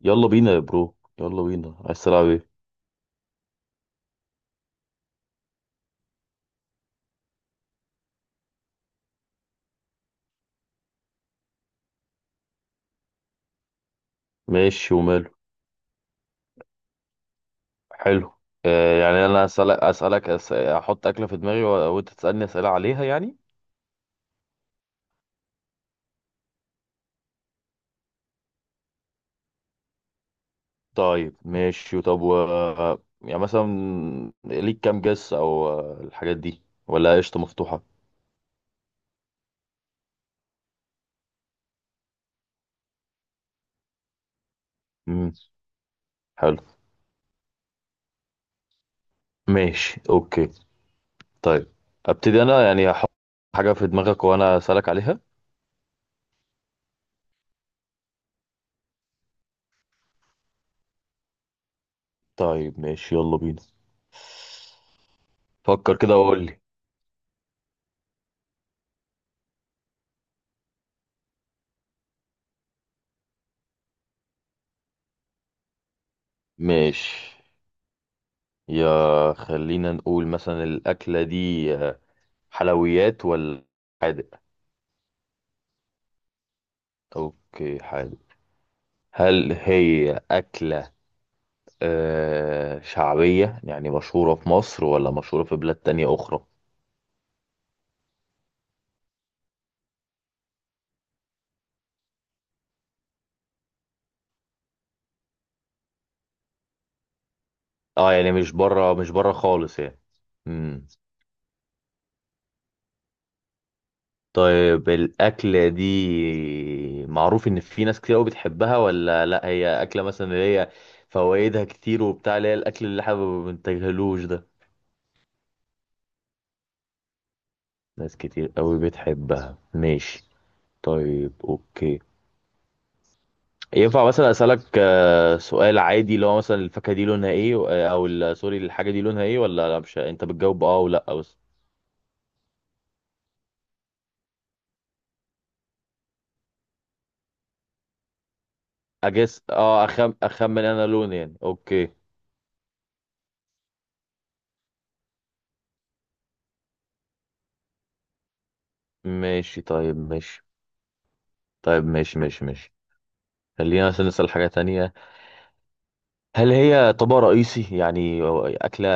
يلا بينا يا برو، يلا بينا، عايز تلعب ايه؟ ماشي وماله. حلو. يعني انا احط اكله في دماغي وانت تسالني اسئله عليها يعني. طيب ماشي، طب يعني مثلا ليك كام جس او، الحاجات دي ولا قشطه مفتوحه؟ امم حلو، ماشي، اوكي. طيب ابتدي انا، يعني هحط حاجه في دماغك وانا اسالك عليها. طيب ماشي، يلا بينا. فكر كده وقول لي. ماشي، يا خلينا نقول مثلا الأكلة دي حلويات ولا حادق؟ أوكي حادق. هل هي أكلة شعبية، يعني مشهورة في مصر ولا مشهورة في بلاد تانية أخرى؟ اه يعني مش بره، مش بره خالص يعني. مم. طيب الأكلة دي معروف إن في ناس كتير أوي بتحبها ولا لأ؟ هي أكلة مثلا اللي هي فوائدها كتير وبتاع، اللي هي الأكل اللي احنا ما بنتجاهلوش ده؟ ناس كتير قوي بتحبها، ماشي. طيب اوكي. ينفع مثلا اسالك سؤال عادي اللي هو مثلا الفاكهه دي لونها ايه سوري، الحاجه دي لونها ايه، ولا لا مش انت بتجاوب اه ولا بس؟ اخمن انا لون يعني، اوكي. ماشي طيب، ماشي طيب، ماشي. خلينا مثلا نسال حاجه تانية. هل هي طبق رئيسي يعني أو اكله؟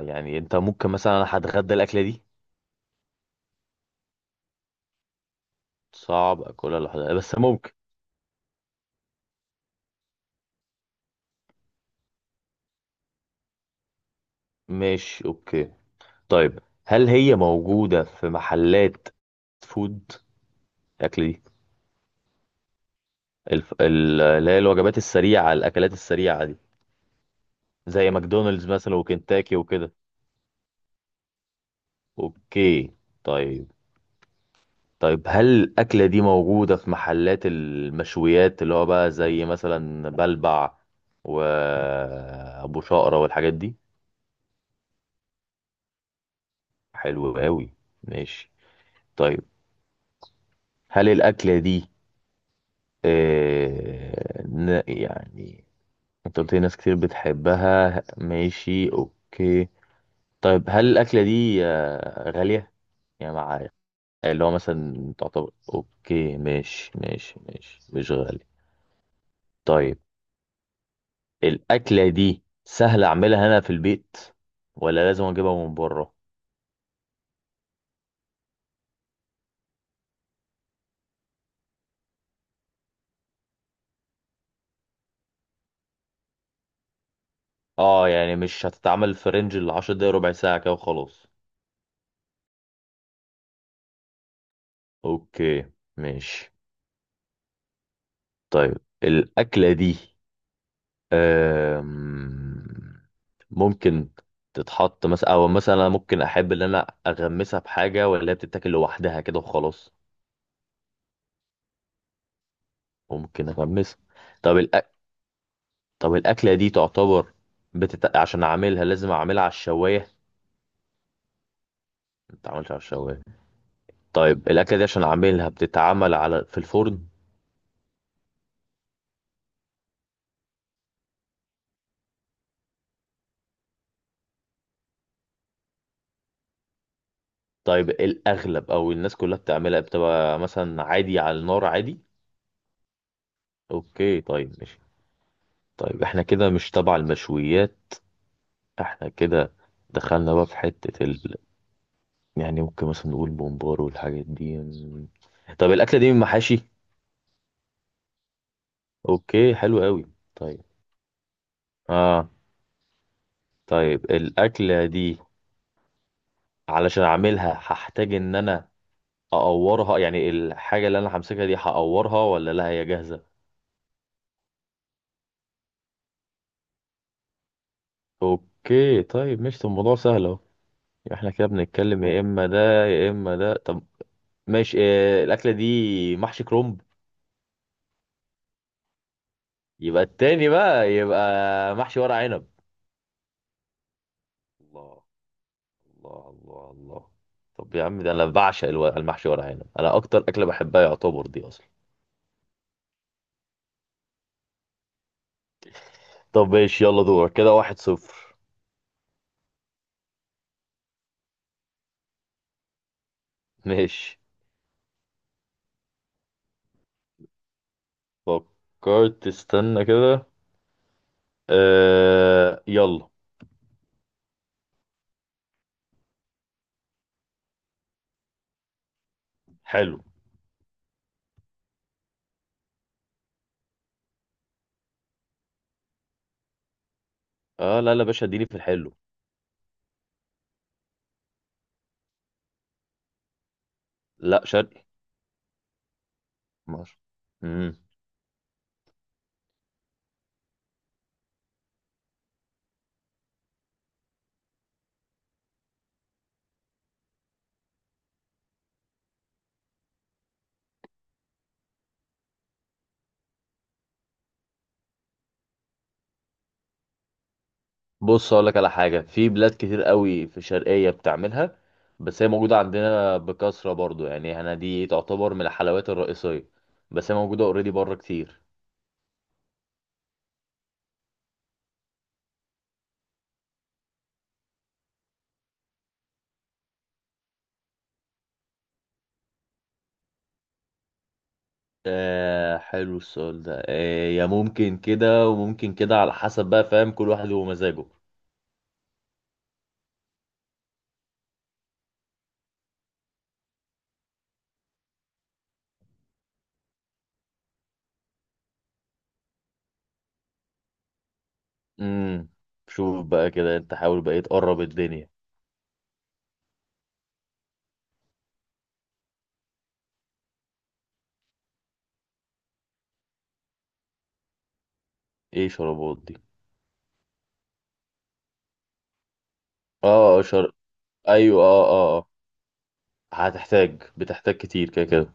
يعني انت ممكن مثلا انا هتغدى الاكله دي؟ صعب اكلها لوحدها بس ممكن. ماشي اوكي. طيب هل هي موجوده في محلات فود، الاكل دي؟ اللي هي الوجبات السريعه، الاكلات السريعه دي، زي ماكدونالدز مثلا وكنتاكي وكده؟ اوكي. طيب طيب هل الاكله دي موجوده في محلات المشويات اللي هو بقى زي مثلا بلبع وابو شقرة والحاجات دي؟ حلو قوي، ماشي. طيب هل الاكله دي يعني، انت قلت لي ناس كتير بتحبها، ماشي اوكي. طيب هل الاكله دي غاليه يعني معايا؟ اللي هو مثلا تعتبر اوكي، ماشي ماشي ماشي، مش غالي. طيب الاكله دي سهل اعملها هنا في البيت ولا لازم اجيبها من بره؟ اه يعني مش هتتعمل في رينج ال 10 دقايق، ربع ساعه كده وخلاص؟ اوكي ماشي. طيب الاكله دي أم... ممكن تتحط مثلا، او مثلا أنا ممكن احب ان انا اغمسها بحاجه، ولا هي بتتاكل لوحدها كده وخلاص؟ ممكن اغمسها؟ طب طب الأكلة دي تعتبر عشان أعملها لازم أعملها على الشواية؟ ما بتتعملش على الشواية؟ طيب الأكلة دي عشان أعملها بتتعمل على، في الفرن؟ طيب الأغلب أو الناس كلها بتعملها بتبقى مثلا عادي على النار عادي؟ أوكي طيب ماشي. طيب إحنا كده مش تبع المشويات. إحنا كده دخلنا بقى في حتة يعني ممكن مثلا نقول بومبار والحاجات دي. طب الأكلة دي من محاشي؟ أوكي حلو قوي. طيب، آه طيب الأكلة دي علشان اعملها هحتاج ان انا اقورها، يعني الحاجه اللي انا همسكها دي هقورها ولا لا هي جاهزه؟ اوكي طيب ماشي. طب الموضوع سهل اهو، احنا كده بنتكلم يا اما ده يا اما ده. طب ماشي، الاكله دي محشي كرنب؟ يبقى التاني بقى، يبقى محشي ورق عنب. الله، الله الله الله. طب يا عم ده انا بعشق المحشي ورق عنب، انا اكتر اكله بحبها يعتبر دي اصلا. طب ماشي، يلا دورك. كده واحد صفر. ماشي، فكرت؟ استنى كده. آه يلا. حلو. اه لا لا يا باشا، اديني في الحلو. لا شرقي. ماشي. امم. بص اقول لك على حاجه، في بلاد كتير قوي في الشرقيه بتعملها، بس هي موجوده عندنا بكثره برضو، يعني احنا دي تعتبر من الحلويات الرئيسيه، بس هي موجوده اوريدي بره كتير. آه حلو السؤال ده. آه يا ممكن كده وممكن كده، على حسب بقى، فاهم؟ كل واحد ومزاجه. امم، شوف بقى كده، انت حاول بقى تقرب الدنيا. ايه شربات دي؟ اه شر... ايوه اه اه هتحتاج، بتحتاج كتير كده كده؟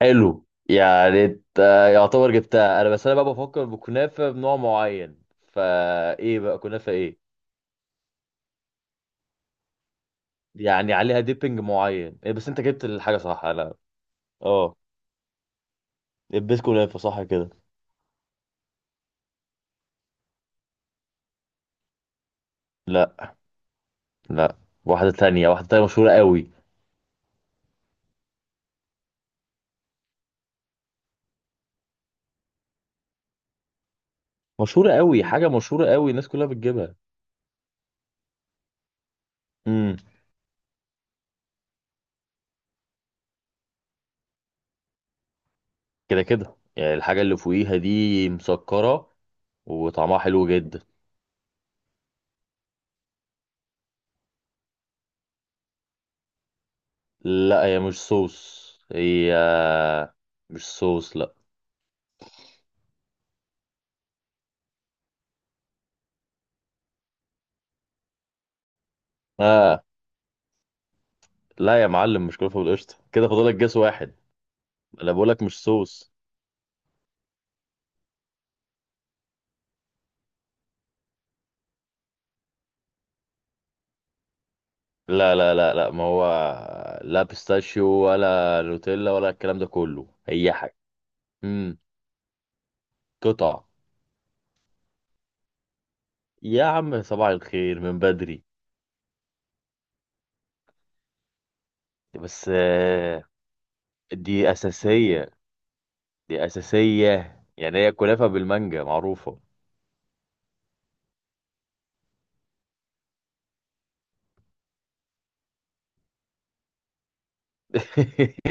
حلو. يعني انت يعتبر جبتها انا، بس انا بقى بفكر بكنافه بنوع معين، فايه بقى كنافه ايه؟ يعني عليها ديبنج معين إيه، بس انت جبت الحاجه صح؟ لا. اه البيت كنافه صح كده؟ لا لا، واحده تانية واحده تانية، مشهوره قوي. مشهوره قوي، حاجه مشهوره قوي الناس كلها بتجيبها. امم، كده كده، يعني الحاجه اللي فوقيها دي مسكره وطعمها حلو جدا. لا هي مش صوص، هي مش صوص، لا. اه لا يا معلم، مش كلفه بالقشطه، كده فاضلك جاس واحد. انا بقولك مش صوص. لا لا لا لا، ما هو لا بيستاشيو ولا نوتيلا ولا الكلام ده كله، هي حاجه. امم، قطع. يا عم صباح الخير من بدري. بس دي اساسيه، دي اساسيه. يعني هي كنافه بالمانجا معروفه.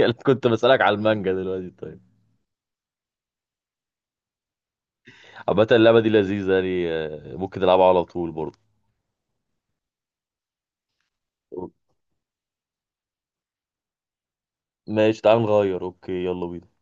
أنا كنت بسألك على المانجا دلوقتي طيب. عامة اللعبة دي لذيذة يعني، ممكن نلعبها على طول برضه. ماشي، تعال نغير، اوكي يلا بينا.